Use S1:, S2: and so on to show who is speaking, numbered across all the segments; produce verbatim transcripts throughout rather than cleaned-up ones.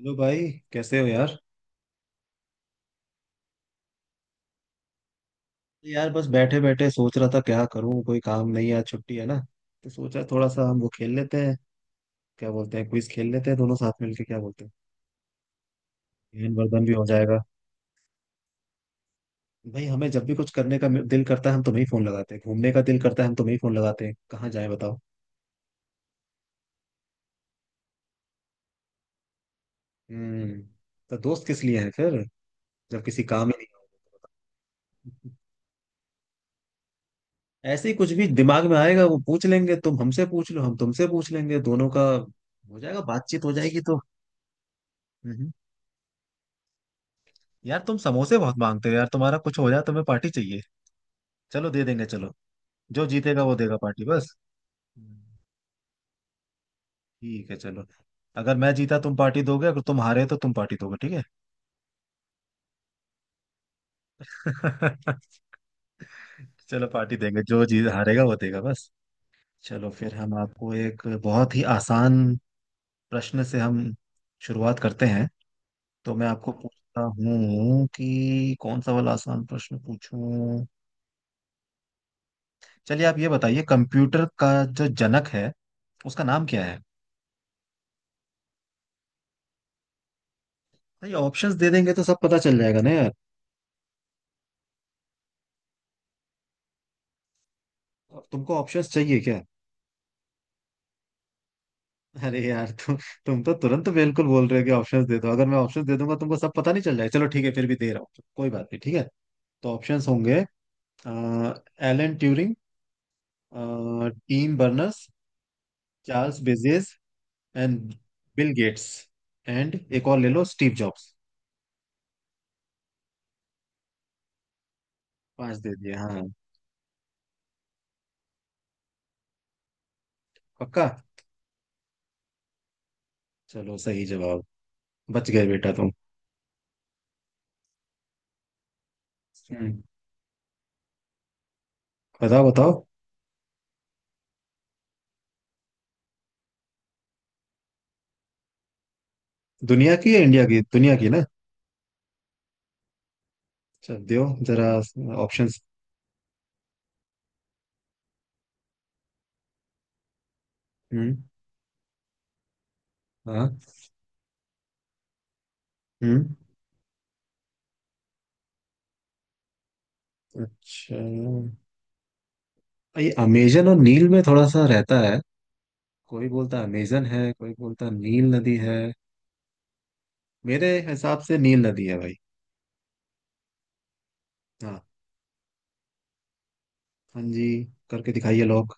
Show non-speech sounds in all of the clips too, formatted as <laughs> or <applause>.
S1: Hello भाई। कैसे हो यार? यार बस बैठे बैठे सोच रहा था क्या करूं, कोई काम नहीं है, आज छुट्टी है ना। तो सोचा थोड़ा सा हम वो खेल लेते हैं, क्या बोलते हैं, क्विज खेल लेते हैं दोनों साथ मिलके, क्या बोलते हैं। ज्ञान वर्धन भी हो जाएगा। भाई हमें जब भी कुछ करने का दिल करता है हम तुम्हें ही फोन लगाते हैं, घूमने का दिल करता है हम तुम्हें ही फोन लगाते हैं, कहाँ जाए बताओ। हम्म। तो दोस्त किस लिए हैं फिर, जब किसी काम ही नहीं होगा। <laughs> ऐसे ही कुछ भी दिमाग में आएगा वो पूछ लेंगे, तुम हमसे पूछ लो हम तुमसे पूछ लेंगे, दोनों का हो जाएगा, बातचीत हो जाएगी। तो यार तुम समोसे बहुत मांगते हो यार, तुम्हारा कुछ हो जाए तुम्हें पार्टी चाहिए। चलो दे देंगे चलो। जो जीतेगा वो देगा पार्टी बस। हम्म। ठीक है चलो। अगर मैं जीता तुम पार्टी दोगे, अगर तुम हारे तो तुम पार्टी दोगे, ठीक है। <laughs> चलो पार्टी देंगे, जो जीत हारेगा वो देगा बस। चलो फिर हम आपको एक बहुत ही आसान प्रश्न से हम शुरुआत करते हैं। तो मैं आपको पूछता हूँ कि कौन सा वाला आसान प्रश्न पूछूं। चलिए आप ये बताइए, कंप्यूटर का जो जनक है उसका नाम क्या है? नहीं, ऑप्शंस दे देंगे तो सब पता चल जाएगा ना यार। तुमको ऑप्शंस चाहिए क्या? अरे यार तु, तुम तो तुरंत बिल्कुल बोल रहे हो कि ऑप्शंस दे दो, अगर मैं ऑप्शंस दे दूंगा तुमको सब पता नहीं चल जाएगा? चलो ठीक है फिर भी दे रहा हूँ, कोई बात नहीं, ठीक है। तो ऑप्शंस होंगे। Alan Turing. Tim Berners. Charles Babbage. And Bill Gates. And एक और ले लो, स्टीव जॉब्स। पांच दे दिए हाँ। पक्का। चलो सही जवाब। बच गए बेटा तुम। हम्म। बताओ बताओ। दुनिया की या इंडिया की? दुनिया की ना। अच्छा दियो जरा ऑप्शंस। हम्म। हाँ। हम्म। अच्छा ये अमेजन और नील में थोड़ा सा रहता है, कोई बोलता अमेजन है कोई बोलता नील नदी है। मेरे हिसाब से नील नदी है भाई। हाँ। हाँ जी। करके दिखाइए लोग।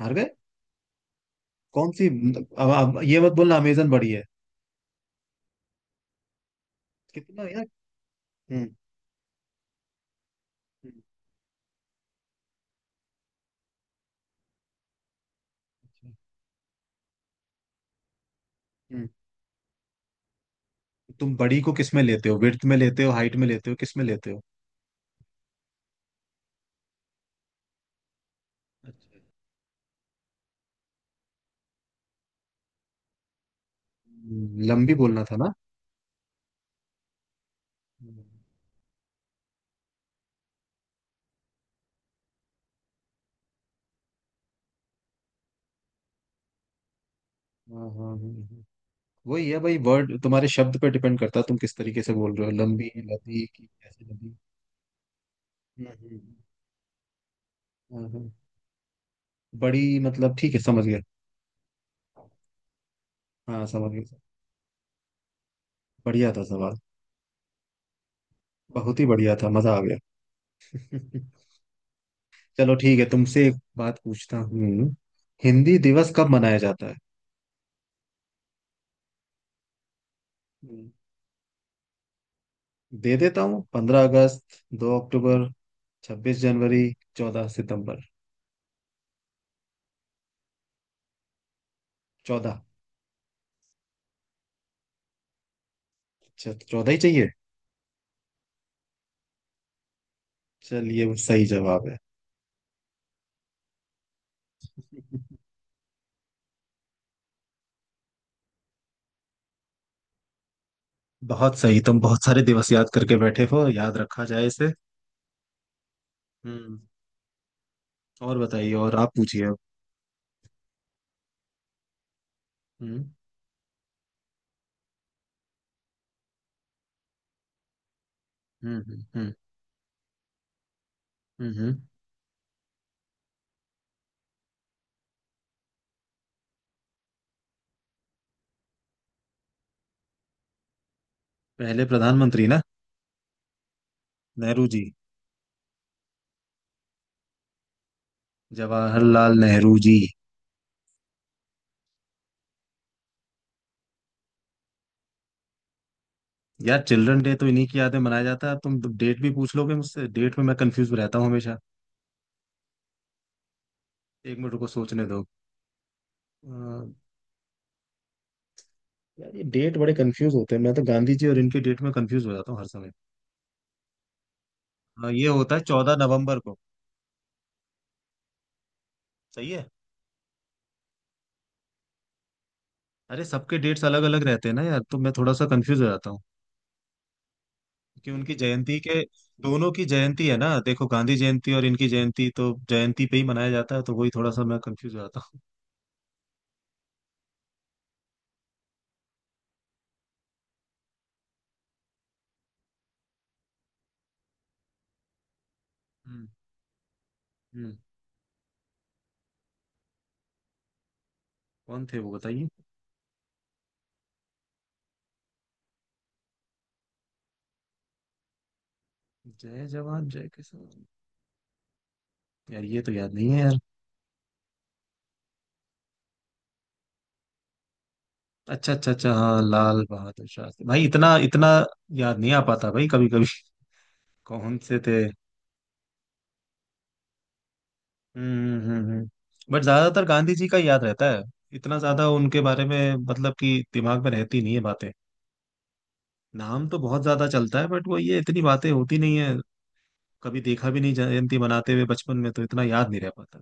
S1: हार गए। कौन सी? अब अब ये मत बोलना अमेजन बड़ी है। कितना यार। हम्म। हम्म। हम्म। तुम बड़ी को किस में लेते हो? विड्थ में लेते हो, हाइट में लेते हो, किस में लेते हो? अच्छा। लंबी बोलना था ना। हाँ हाँ हाँ। वही है भाई, वर्ड तुम्हारे शब्द पर डिपेंड करता है, तुम किस तरीके से बोल रहे हो, लंबी लदी कि कैसे लदी। हम्म। हम्म। हम्म। हम्म। बड़ी मतलब ठीक है, समझ गया। हाँ समझ गया। बढ़िया था सवाल। बहुत ही बढ़िया था, मजा आ गया। <laughs> चलो ठीक है, तुमसे एक बात पूछता हूँ। हिंदी दिवस कब मनाया जाता है? हम्म। दे देता हूँ। पंद्रह अगस्त। दो अक्टूबर। छब्बीस जनवरी। चौदह सितंबर। चौदह। चौदह ही चाहिए। चलिए वो सही जवाब है। <laughs> बहुत सही, तुम बहुत सारे दिवस याद करके बैठे हो, याद रखा जाए इसे। हम्म। और बताइए, और आप पूछिए अब। हम्म। हम्म। हम्म। हम्म। हम्म। हम्म। पहले प्रधानमंत्री ना। नेहरू जी। जवाहरलाल नेहरू जी। यार चिल्ड्रन डे तो इन्हीं की यादें मनाया जाता है, तुम डेट भी पूछ लोगे मुझसे, डेट में मैं कंफ्यूज रहता हूँ हमेशा। एक मिनट को सोचने दो। अ, यार ये डेट बड़े कंफ्यूज होते हैं, मैं तो गांधी जी और इनके डेट में कंफ्यूज हो जाता हूँ हर समय। हाँ, ये होता है चौदह नवंबर को। सही है। अरे सबके डेट्स अलग अलग रहते हैं ना यार, तो मैं थोड़ा सा कंफ्यूज हो जाता हूँ। कि उनकी जयंती के, दोनों की जयंती है ना देखो, गांधी जयंती और इनकी जयंती, तो जयंती पे ही मनाया जाता है, तो वही थोड़ा सा मैं कंफ्यूज हो जाता हूँ। हम्म। हम्म। कौन थे वो बताइए। जय जवान जय किसान। यार ये तो याद नहीं है यार। अच्छा अच्छा अच्छा हाँ लाल बहादुर शास्त्री भाई, इतना इतना याद नहीं आ पाता भाई कभी कभी। <laughs> कौन से थे? हम्म। हम्म। हम्म। हम्म। बट ज्यादातर गांधी जी का याद रहता है, इतना ज्यादा उनके बारे में मतलब कि दिमाग में रहती नहीं है बातें। नाम तो बहुत ज्यादा चलता है बट वो ये इतनी बातें होती नहीं है, कभी देखा भी नहीं जयंती मनाते हुए बचपन में तो इतना याद नहीं रह पाता।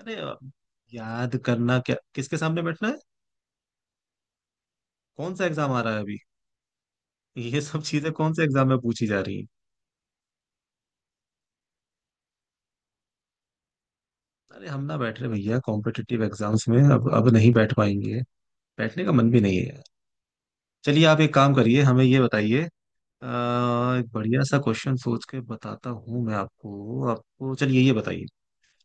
S1: अरे अब याद करना क्या, किसके सामने बैठना है? कौन सा एग्जाम आ रहा है अभी? ये सब चीजें कौन से एग्जाम में पूछी जा रही है? अरे हम ना बैठ रहे भैया कॉम्पिटिटिव एग्जाम्स में, अब अब नहीं बैठ पाएंगे, बैठने का मन भी नहीं है यार। चलिए आप एक काम करिए, हमें ये बताइए। अह, एक बढ़िया सा क्वेश्चन सोच के बताता हूँ मैं आपको, आपको चलिए ये बताइए।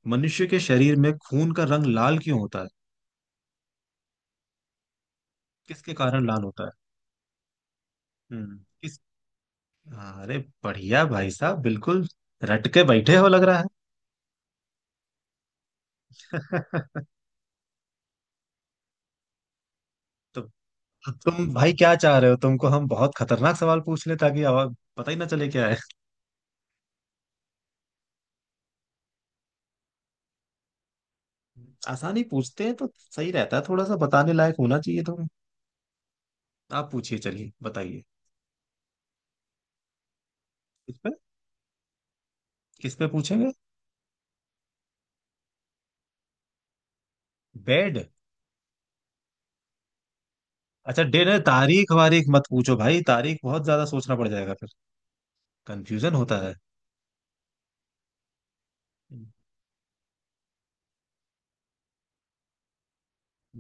S1: मनुष्य के शरीर में खून का रंग लाल क्यों होता है? किसके कारण लाल होता है? हम्म। अरे बढ़िया भाई साहब, बिल्कुल रट के बैठे हो लग रहा है। <laughs> तो तुम भाई क्या चाह रहे हो, तुमको हम बहुत खतरनाक सवाल पूछ ले ताकि आवाज पता ही ना चले क्या है? <laughs> आसानी पूछते हैं तो सही रहता है, थोड़ा सा बताने लायक होना चाहिए तुम। आप पूछिए, चलिए बताइए। किस पे? किस पे पूछेंगे? बेड। अच्छा डिनर तारीख वारीख मत पूछो भाई, तारीख बहुत ज्यादा सोचना पड़ जाएगा फिर, कंफ्यूजन होता है।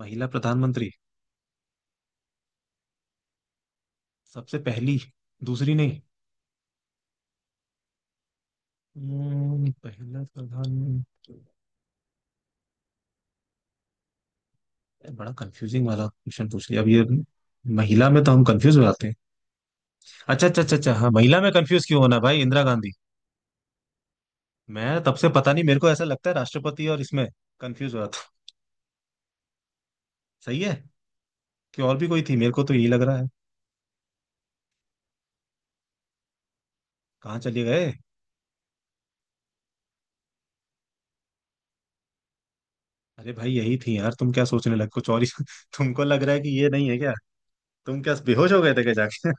S1: महिला प्रधानमंत्री। सबसे पहली। दूसरी नहीं। हम्म, पहला प्रधानमंत्री। बड़ा कंफ्यूजिंग वाला क्वेश्चन पूछ लिया अब ये। महिला में तो हम कंफ्यूज हो जाते हैं। अच्छा अच्छा अच्छा अच्छा हाँ, महिला में कंफ्यूज क्यों होना, भाई इंदिरा गांधी। मैं तब से पता नहीं, मेरे को ऐसा लगता है राष्ट्रपति और इसमें कंफ्यूज हो रहा था। सही है। कि और भी कोई थी, मेरे को तो यही लग रहा है, कहाँ चले गए। अरे भाई यही थी यार, तुम क्या सोचने लगे कुछ और ही। <laughs> तुमको लग रहा है कि ये नहीं है क्या? तुम क्या बेहोश हो गए थे क्या जाके?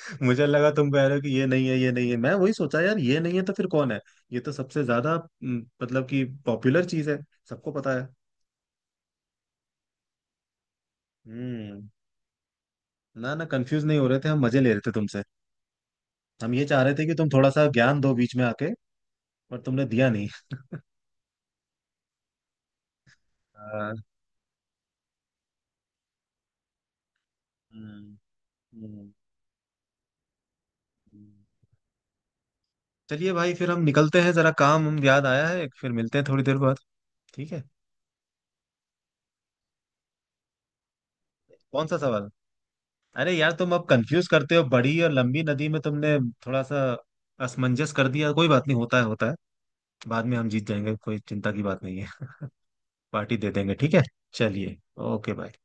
S1: <laughs> मुझे लगा तुम कह रहे हो कि ये नहीं है ये नहीं है, मैं वही सोचा यार ये नहीं है तो फिर कौन है। ये तो सबसे ज्यादा हम्म, मतलब कि पॉपुलर चीज है, सबको पता है। हम्म। ना ना कंफ्यूज नहीं हो रहे थे, हम मजे ले रहे थे तुमसे। हम ये चाह रहे थे कि तुम थोड़ा सा ज्ञान दो बीच में आके, पर तुमने दिया नहीं। हाँ। हम्म। हम्म। हम्म। चलिए भाई फिर हम निकलते हैं जरा, काम हम याद आया है, फिर मिलते हैं थोड़ी देर बाद, ठीक है। कौन सा सवाल? अरे यार तुम अब कंफ्यूज करते हो बड़ी और लंबी नदी में, तुमने थोड़ा सा असमंजस कर दिया, कोई बात नहीं, होता है होता है, बाद में हम जीत जाएंगे, कोई चिंता की बात नहीं है, पार्टी दे देंगे ठीक है। चलिए। Okay bye.